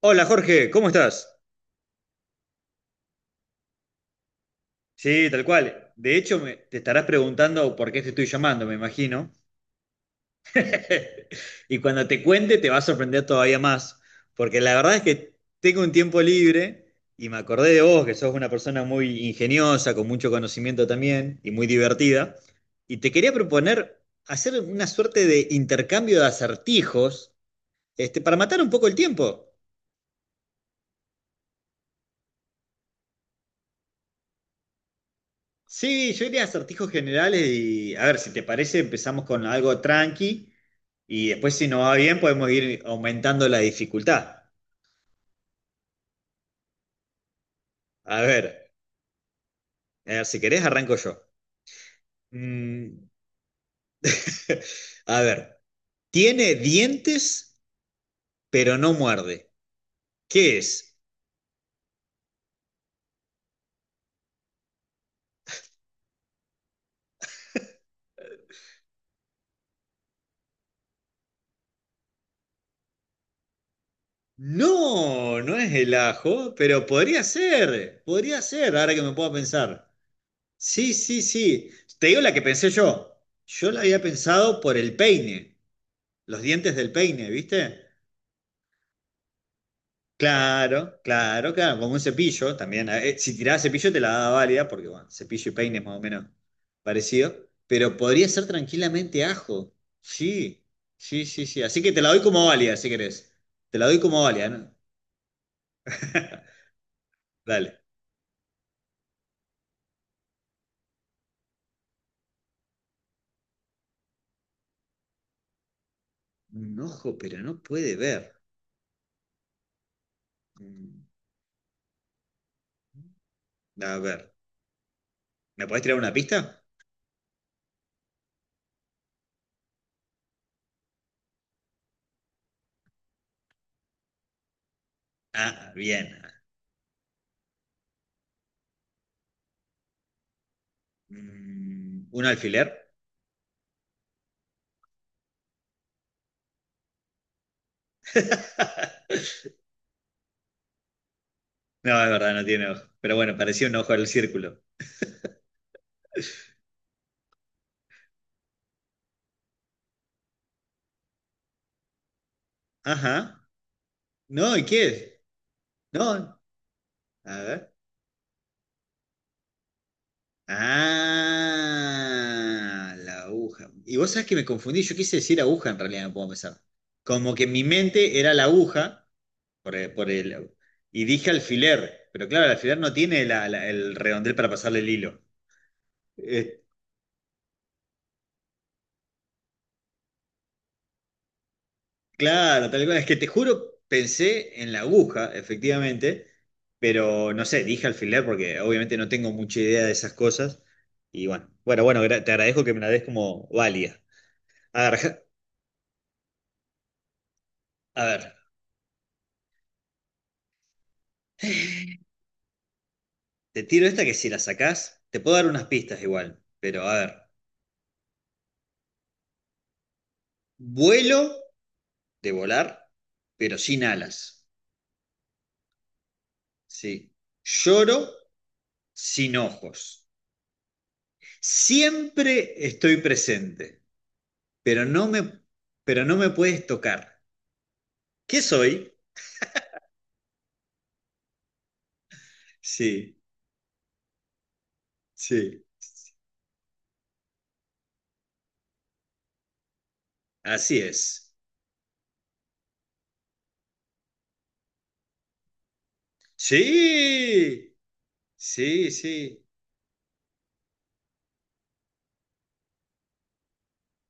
Hola Jorge, ¿cómo estás? Sí, tal cual. De hecho, te estarás preguntando por qué te estoy llamando, me imagino. Y cuando te cuente te va a sorprender todavía más, porque la verdad es que tengo un tiempo libre y me acordé de vos, que sos una persona muy ingeniosa, con mucho conocimiento también y muy divertida, y te quería proponer hacer una suerte de intercambio de acertijos, este, para matar un poco el tiempo. Sí, yo iría a acertijos generales y a ver, si te parece, empezamos con algo tranqui y después si no va bien podemos ir aumentando la dificultad. A ver, a ver, si querés arranco yo. Mm, a ver, tiene dientes pero no muerde. ¿Qué es? No, no es el ajo, pero podría ser, ahora que me puedo pensar. Sí, sí, sí. Te digo la que pensé yo. Yo la había pensado por el peine. Los dientes del peine, ¿viste? Claro, claro, claro, como un cepillo también. Si tiraba cepillo te la daba válida, porque bueno, cepillo y peine es más o menos parecido, pero podría ser tranquilamente ajo. Sí, sí, sí, sí. Así que te la doy como válida, si querés. Te la doy como válida, ¿no? Dale. Un ojo, pero no puede ver. Mm, A ver, ¿me podés tirar una pista? Ah, bien. ¿Un alfiler? No, es verdad, no tiene ojo. Pero bueno, parecía un ojo al círculo. Ajá. No, ¿y qué es? No. A ver. Ah, la aguja. Y vos sabés que me confundí, yo quise decir aguja en realidad, no puedo pensar. Como que en mi mente era la aguja, por el, por el- y dije alfiler, pero claro, el alfiler no tiene el redondel para pasarle el hilo. Claro, tal cual. Es que te juro, pensé en la aguja, efectivamente, pero no sé, dije alfiler porque obviamente no tengo mucha idea de esas cosas. Y bueno, bueno, bueno, te agradezco que me la des como válida. A ver, a ver, te tiro esta que si la sacás, te puedo dar unas pistas igual, pero a ver. Vuelo de volar, pero sin alas. Sí. Lloro sin ojos. Siempre estoy presente. pero no me, pero no me puedes tocar. ¿Qué soy? Sí, sí, así es. Sí, sí, sí.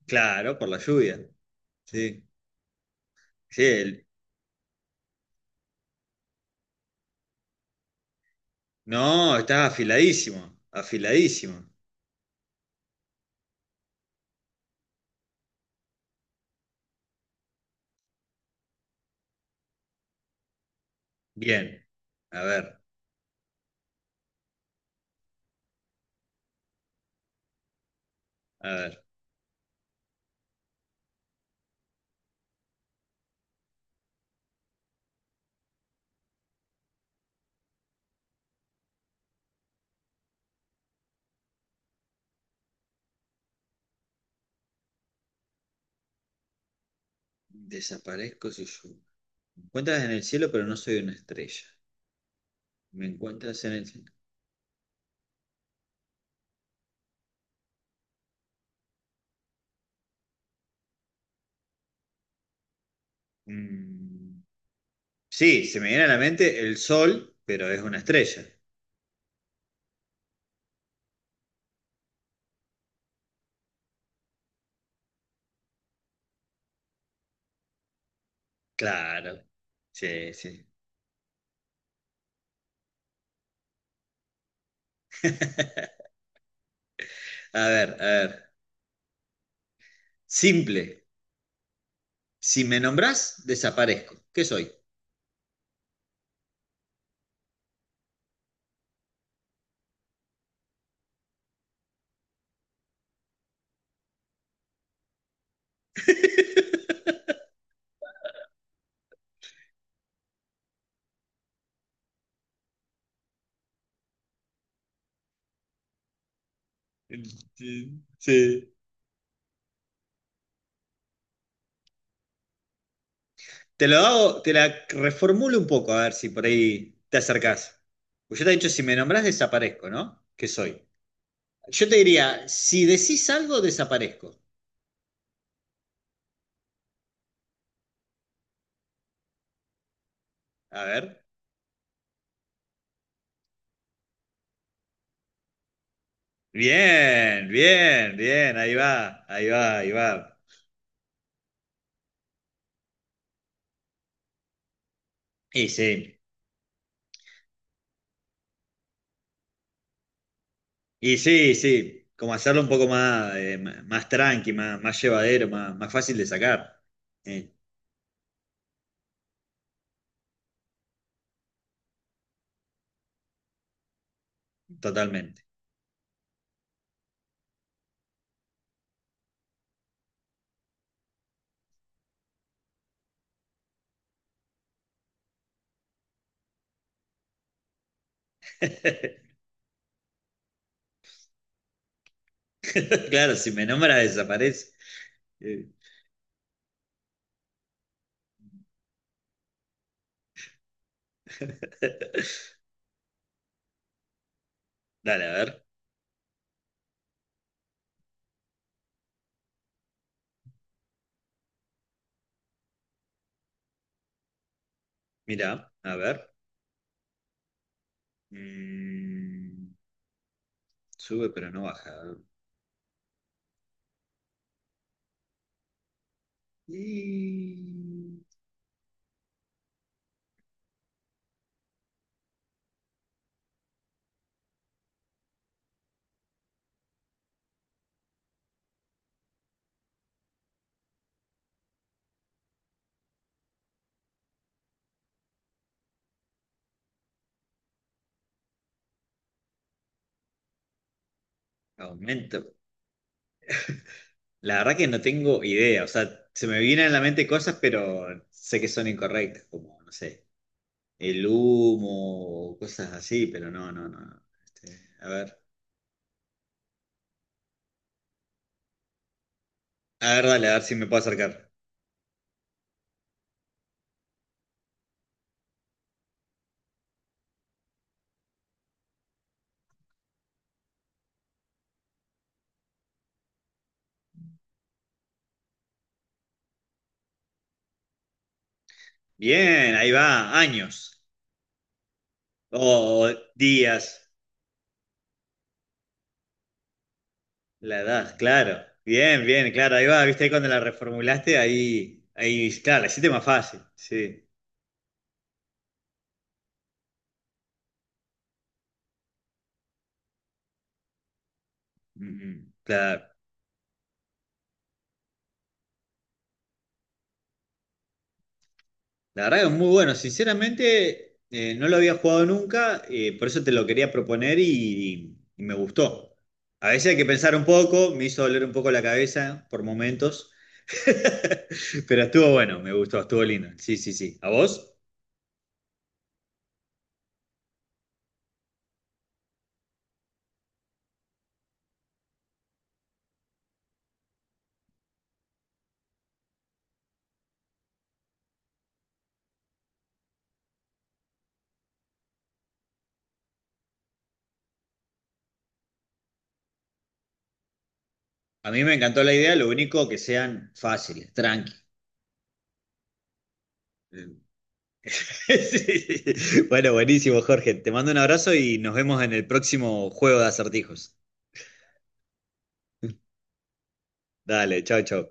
Claro, por la lluvia. Sí, sí. No, estás afiladísimo, afiladísimo. Bien. A ver, a ver. Desaparezco si yo. Me encuentras en el cielo, pero no soy una estrella. Me encuentras en el cielo. Mm, Sí, se me viene a la mente el sol, pero es una estrella. Claro. Sí, sí. A ver, a ver. Simple. Si me nombrás, desaparezco. ¿Qué soy? Sí. Sí. Te lo hago, te la reformulo un poco, a ver si por ahí te acercás. Pues yo te he dicho, si me nombrás, desaparezco, ¿no? ¿Qué soy? Yo te diría, si decís algo, desaparezco. A ver. Bien, bien, bien, ahí va, ahí va, ahí va. Y sí. Y sí, sí, como hacerlo un poco más, más tranqui, más, más llevadero, más, más fácil de sacar. Eh, totalmente. Claro, si me nombras desaparece. Eh, dale, a ver. Mira, a ver. Mm, sube pero no baja. Y... Aumento. La verdad que no tengo idea. O sea, se me vienen a la mente cosas, pero sé que son incorrectas, como, no sé, el humo, o cosas así, pero no, no, no. No. Este, a ver. A ver, dale, a ver si me puedo acercar. Bien, ahí va, años. O días, la edad, claro. Bien, bien, claro, ahí va, viste, ahí cuando la reformulaste, ahí, ahí, claro, la hiciste más fácil, sí. Mm, Claro, la verdad que es muy bueno, sinceramente, no lo había jugado nunca, por eso te lo quería proponer y me gustó. A veces hay que pensar un poco, me hizo doler un poco la cabeza por momentos, pero estuvo bueno, me gustó, estuvo lindo. Sí, sí, sí. ¿A vos? A mí me encantó la idea, lo único que sean fáciles, tranqui. Sí, sí. Bueno, buenísimo, Jorge. Te mando un abrazo y nos vemos en el próximo juego de acertijos. Dale, chao, chao.